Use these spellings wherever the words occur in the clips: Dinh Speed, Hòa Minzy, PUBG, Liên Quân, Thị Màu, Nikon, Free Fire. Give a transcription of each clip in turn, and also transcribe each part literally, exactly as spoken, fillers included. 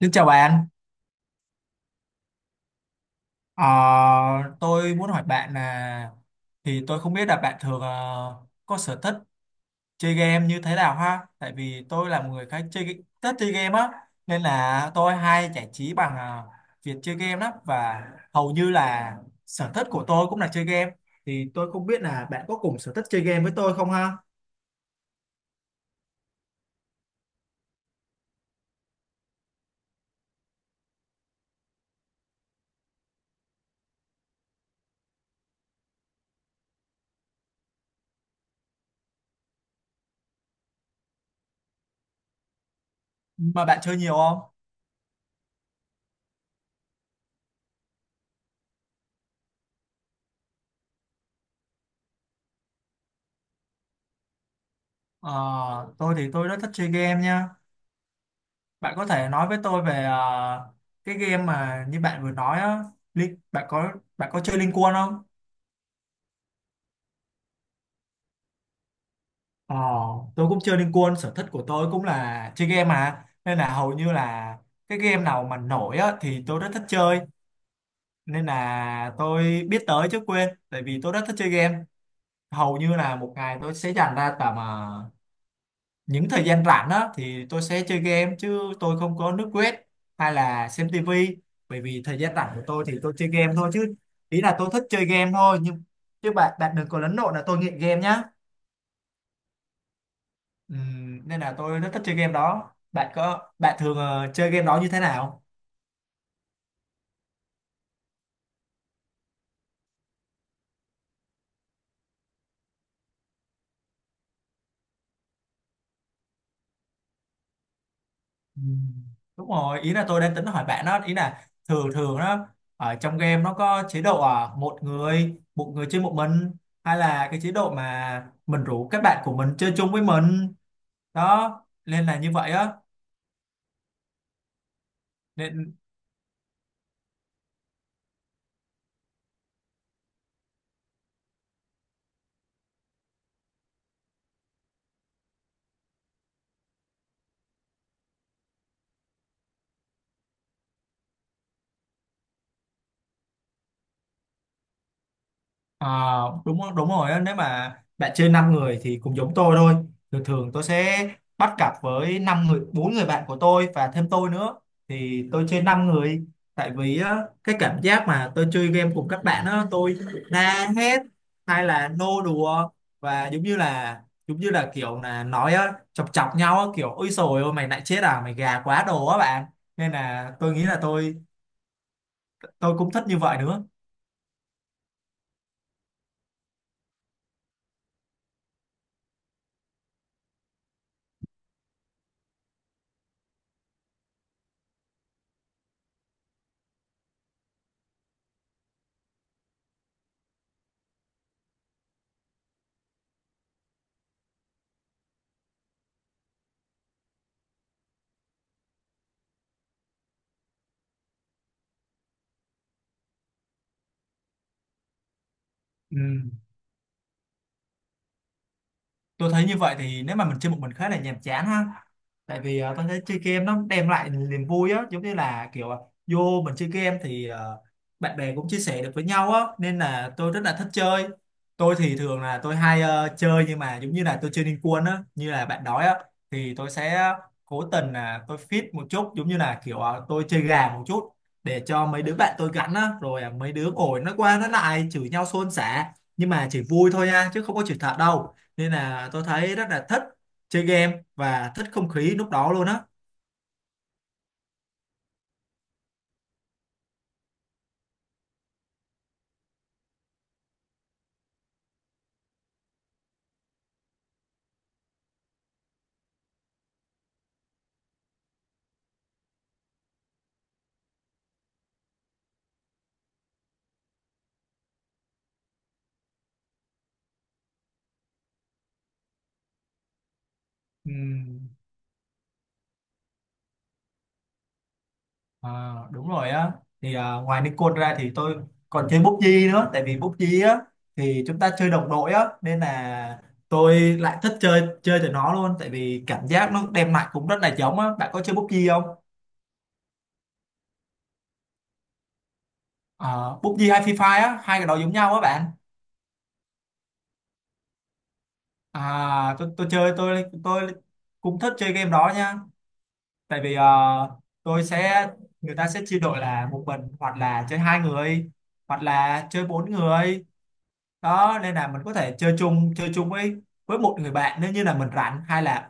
Xin chào bạn. Ờ, tôi muốn hỏi bạn là thì tôi không biết là bạn thường ờ, có sở thích chơi game như thế nào ha? Tại vì tôi là một người khá chơi thích chơi game á, nên là tôi hay giải trí bằng ờ, việc chơi game lắm và hầu như là sở thích của tôi cũng là chơi game. Thì tôi không biết là bạn có cùng sở thích chơi game với tôi không ha? Mà bạn chơi nhiều không? Ờ, tôi thì tôi rất thích chơi game nha. Bạn có thể nói với tôi về ờ, cái game mà như bạn vừa nói á, Lin- bạn có bạn có chơi Liên Quân không? Ờ, tôi cũng chơi Liên Quân, sở thích của tôi cũng là chơi game mà. Nên là hầu như là cái game nào mà nổi á thì tôi rất thích chơi. Nên là tôi biết tới chứ quên, tại vì tôi rất thích chơi game. Hầu như là một ngày tôi sẽ dành ra tầm ờ, những thời gian rảnh á thì tôi sẽ chơi game chứ tôi không có nước web hay là xem tivi, bởi vì thời gian rảnh của tôi thì tôi chơi game thôi chứ ý là tôi thích chơi game thôi nhưng chứ bạn bạn đừng có lẫn lộn là tôi nghiện game nhá. Ừm, nên là tôi rất thích chơi game đó, bạn có bạn thường ờ, chơi game đó như thế nào? Ừm, đúng rồi, ý là tôi đang tính hỏi bạn đó, ý là thường thường đó ở trong game nó có chế độ à, một người một người chơi một mình hay là cái chế độ mà mình rủ các bạn của mình chơi chung với mình đó, nên là như vậy á nên à, đúng đúng rồi á, nếu mà bạn chơi năm người thì cũng giống tôi thôi. Thường thường tôi sẽ bắt cặp với năm người bốn người bạn của tôi và thêm tôi nữa thì tôi chơi năm người. Tại vì á, cái cảm giác mà tôi chơi game cùng các bạn á tôi la hét hay là nô đùa và giống như là giống như là kiểu là nói á, chọc chọc nhau á, kiểu ôi sồi ôi mày lại chết à mày gà quá đồ á bạn, nên là tôi nghĩ là tôi tôi cũng thích như vậy nữa. Ừ. Tôi thấy như vậy thì nếu mà mình chơi một mình khá là nhàm chán ha, tại vì ờ, tôi thấy chơi game nó đem lại niềm vui á, giống như là kiểu ờ, vô mình chơi game thì ờ, bạn bè cũng chia sẻ được với nhau á, nên là tôi rất là thích chơi. Tôi thì thường là tôi hay ờ, chơi nhưng mà giống như là tôi chơi Liên Quân á như là bạn nói á, thì tôi sẽ cố tình là tôi fit một chút giống như là kiểu ờ, tôi chơi gà một chút để cho mấy đứa bạn tôi gắn á, rồi ờ, mấy đứa ngồi nó qua nó lại chửi nhau xôn xả, nhưng mà chỉ vui thôi nha chứ không có chửi thật đâu, nên là tôi thấy rất là thích chơi game và thích không khí lúc đó luôn á. Ừ, à, đúng rồi á, thì à, ngoài Nikon ra thì tôi còn chơi pi u bi gi nữa, tại vì pi u bi gi á thì chúng ta chơi đồng đội á, nên là tôi lại thích chơi chơi từ nó luôn, tại vì cảm giác nó đem lại cũng rất là giống á, bạn có chơi pu bê gi không? À, pi u bi gi hay Free Fire á, hai cái đó giống nhau á bạn. À tôi tôi chơi tôi tôi cũng thích chơi game đó nha, tại vì ờ, tôi sẽ người ta sẽ chia đội là một mình hoặc là chơi hai người hoặc là chơi bốn người đó, nên là mình có thể chơi chung chơi chung với với một người bạn nếu như là mình rảnh, hay là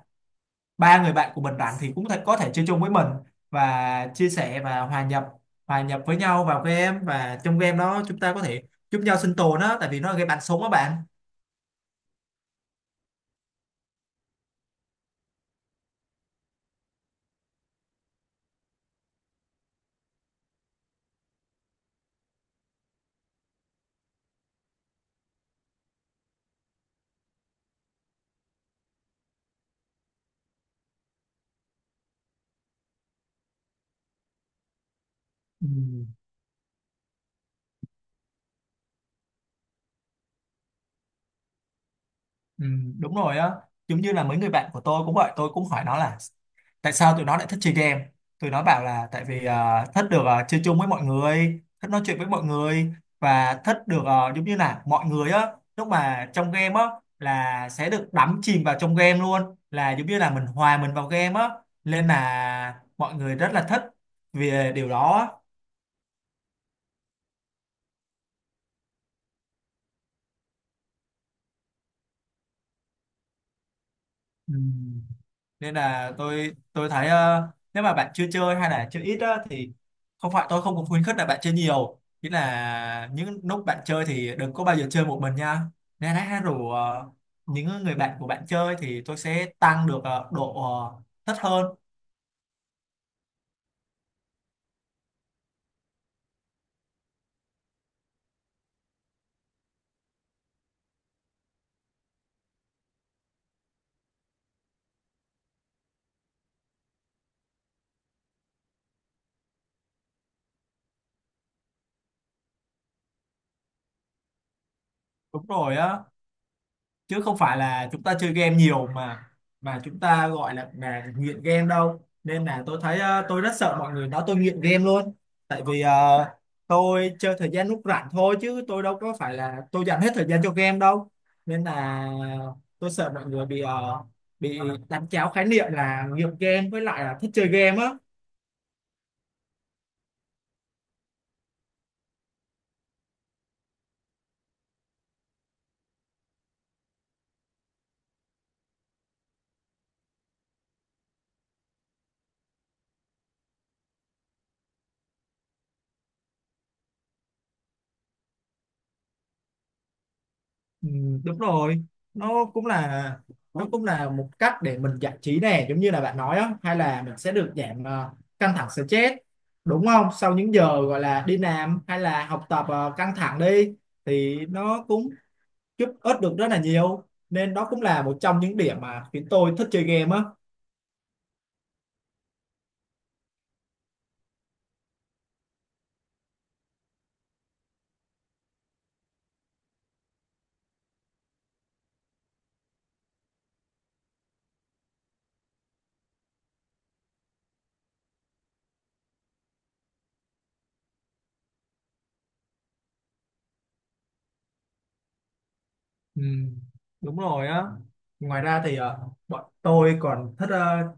ba người bạn của mình rảnh thì cũng thể, có thể chơi chung với mình và chia sẻ và hòa nhập hòa nhập với nhau vào game, và trong game đó chúng ta có thể giúp nhau sinh tồn á, tại vì nó là game bắn súng á bạn. Ừ, ừ, đúng rồi á, giống như là mấy người bạn của tôi cũng vậy, tôi cũng hỏi nó là tại sao tụi nó lại thích chơi game, tụi nó bảo là tại vì ờ, thích được ờ, chơi chung với mọi người, thích nói chuyện với mọi người và thích được ờ, giống như là mọi người á lúc mà trong game á là sẽ được đắm chìm vào trong game luôn, là giống như là mình hòa mình vào game á, nên là mọi người rất là thích vì điều đó á. Ừ. Nên là tôi tôi thấy ờ, nếu mà bạn chưa chơi hay là chơi ít á, thì không phải tôi không có khuyến khích là bạn chơi nhiều, chỉ là những lúc bạn chơi thì đừng có bao giờ chơi một mình nha, nên hãy rủ ờ, những người bạn của bạn chơi thì tôi sẽ tăng được ờ, độ ờ, thích hơn. Đúng rồi á, chứ không phải là chúng ta chơi game nhiều mà mà chúng ta gọi là là nghiện game đâu, nên là tôi thấy ờ, tôi rất sợ mọi người nói tôi nghiện game luôn, tại vì ờ, tôi chơi thời gian lúc rảnh thôi chứ tôi đâu có phải là tôi dành hết thời gian cho game đâu, nên là tôi sợ mọi người bị ờ, bị đánh tráo khái niệm là nghiện game với lại là thích chơi game á. Ừ, đúng rồi, nó cũng là nó cũng là một cách để mình giải trí nè, giống như là bạn nói á, hay là mình sẽ được giảm ờ, căng thẳng stress, đúng không, sau những giờ gọi là đi làm hay là học tập ờ, căng thẳng đi thì nó cũng giúp ích được rất là nhiều, nên đó cũng là một trong những điểm mà khiến tôi thích chơi game á. Ừ, đúng rồi á. Ngoài ra thì ờ, bọn tôi còn thích ờ,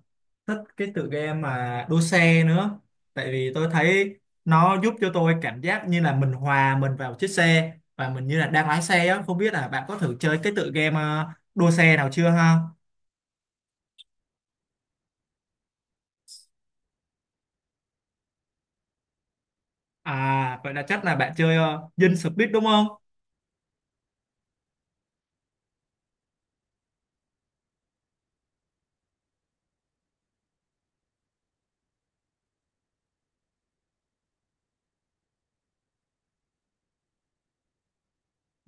thích cái tựa game mà đua xe nữa. Tại vì tôi thấy nó giúp cho tôi cảm giác như là mình hòa mình vào chiếc xe và mình như là đang lái xe á. Không biết là bạn có thử chơi cái tựa game ờ, đua xe nào chưa ha? À, vậy là chắc là bạn chơi ờ, Dinh Speed đúng không?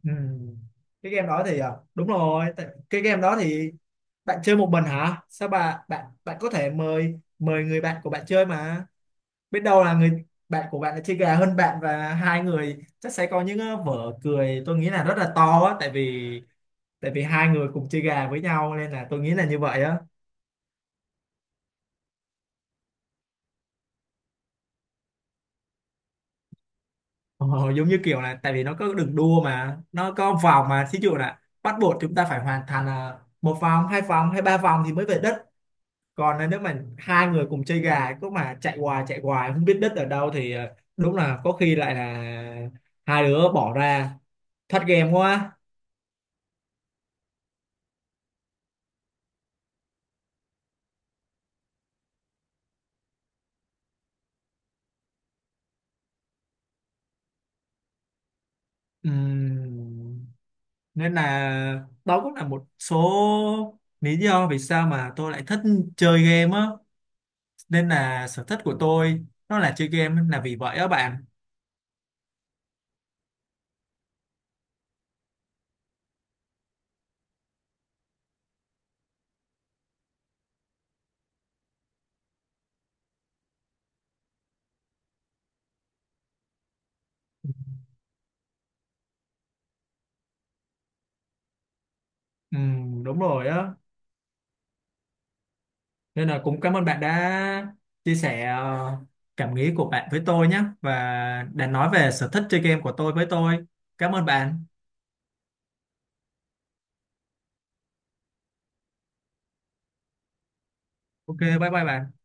Ừ. Cái game đó thì ờ, đúng rồi. Tại- Cái game đó thì bạn chơi một mình hả? Sao bạn bạn bạn có thể mời mời người bạn của bạn chơi mà. Biết đâu là người bạn của bạn lại chơi gà hơn bạn và hai người chắc sẽ có những ờ, vở cười tôi nghĩ là rất là to á, tại vì tại vì hai người cùng chơi gà với nhau nên là tôi nghĩ là như vậy á. Ờ, giống như kiểu là tại vì nó có đường đua mà nó có vòng mà, thí dụ là bắt buộc chúng ta phải hoàn thành ờ, một vòng hai vòng hay ba vòng thì mới về đất, còn là nếu mà hai người cùng chơi gà cứ mà chạy hoài chạy hoài không biết đất ở đâu thì ờ, đúng là có khi lại là hai đứa bỏ ra thất game quá. Ừm. Nên là đó cũng là một số lý do vì sao mà tôi lại thích chơi game á, nên là sở thích của tôi nó là chơi game là vì vậy á bạn. Ừ, đúng rồi á, nên là cũng cảm ơn bạn đã chia sẻ ờ, cảm nghĩ của bạn với tôi nhé, và đã nói về sở thích chơi game của tôi với tôi. Cảm ơn bạn. Ok, bye bye bạn.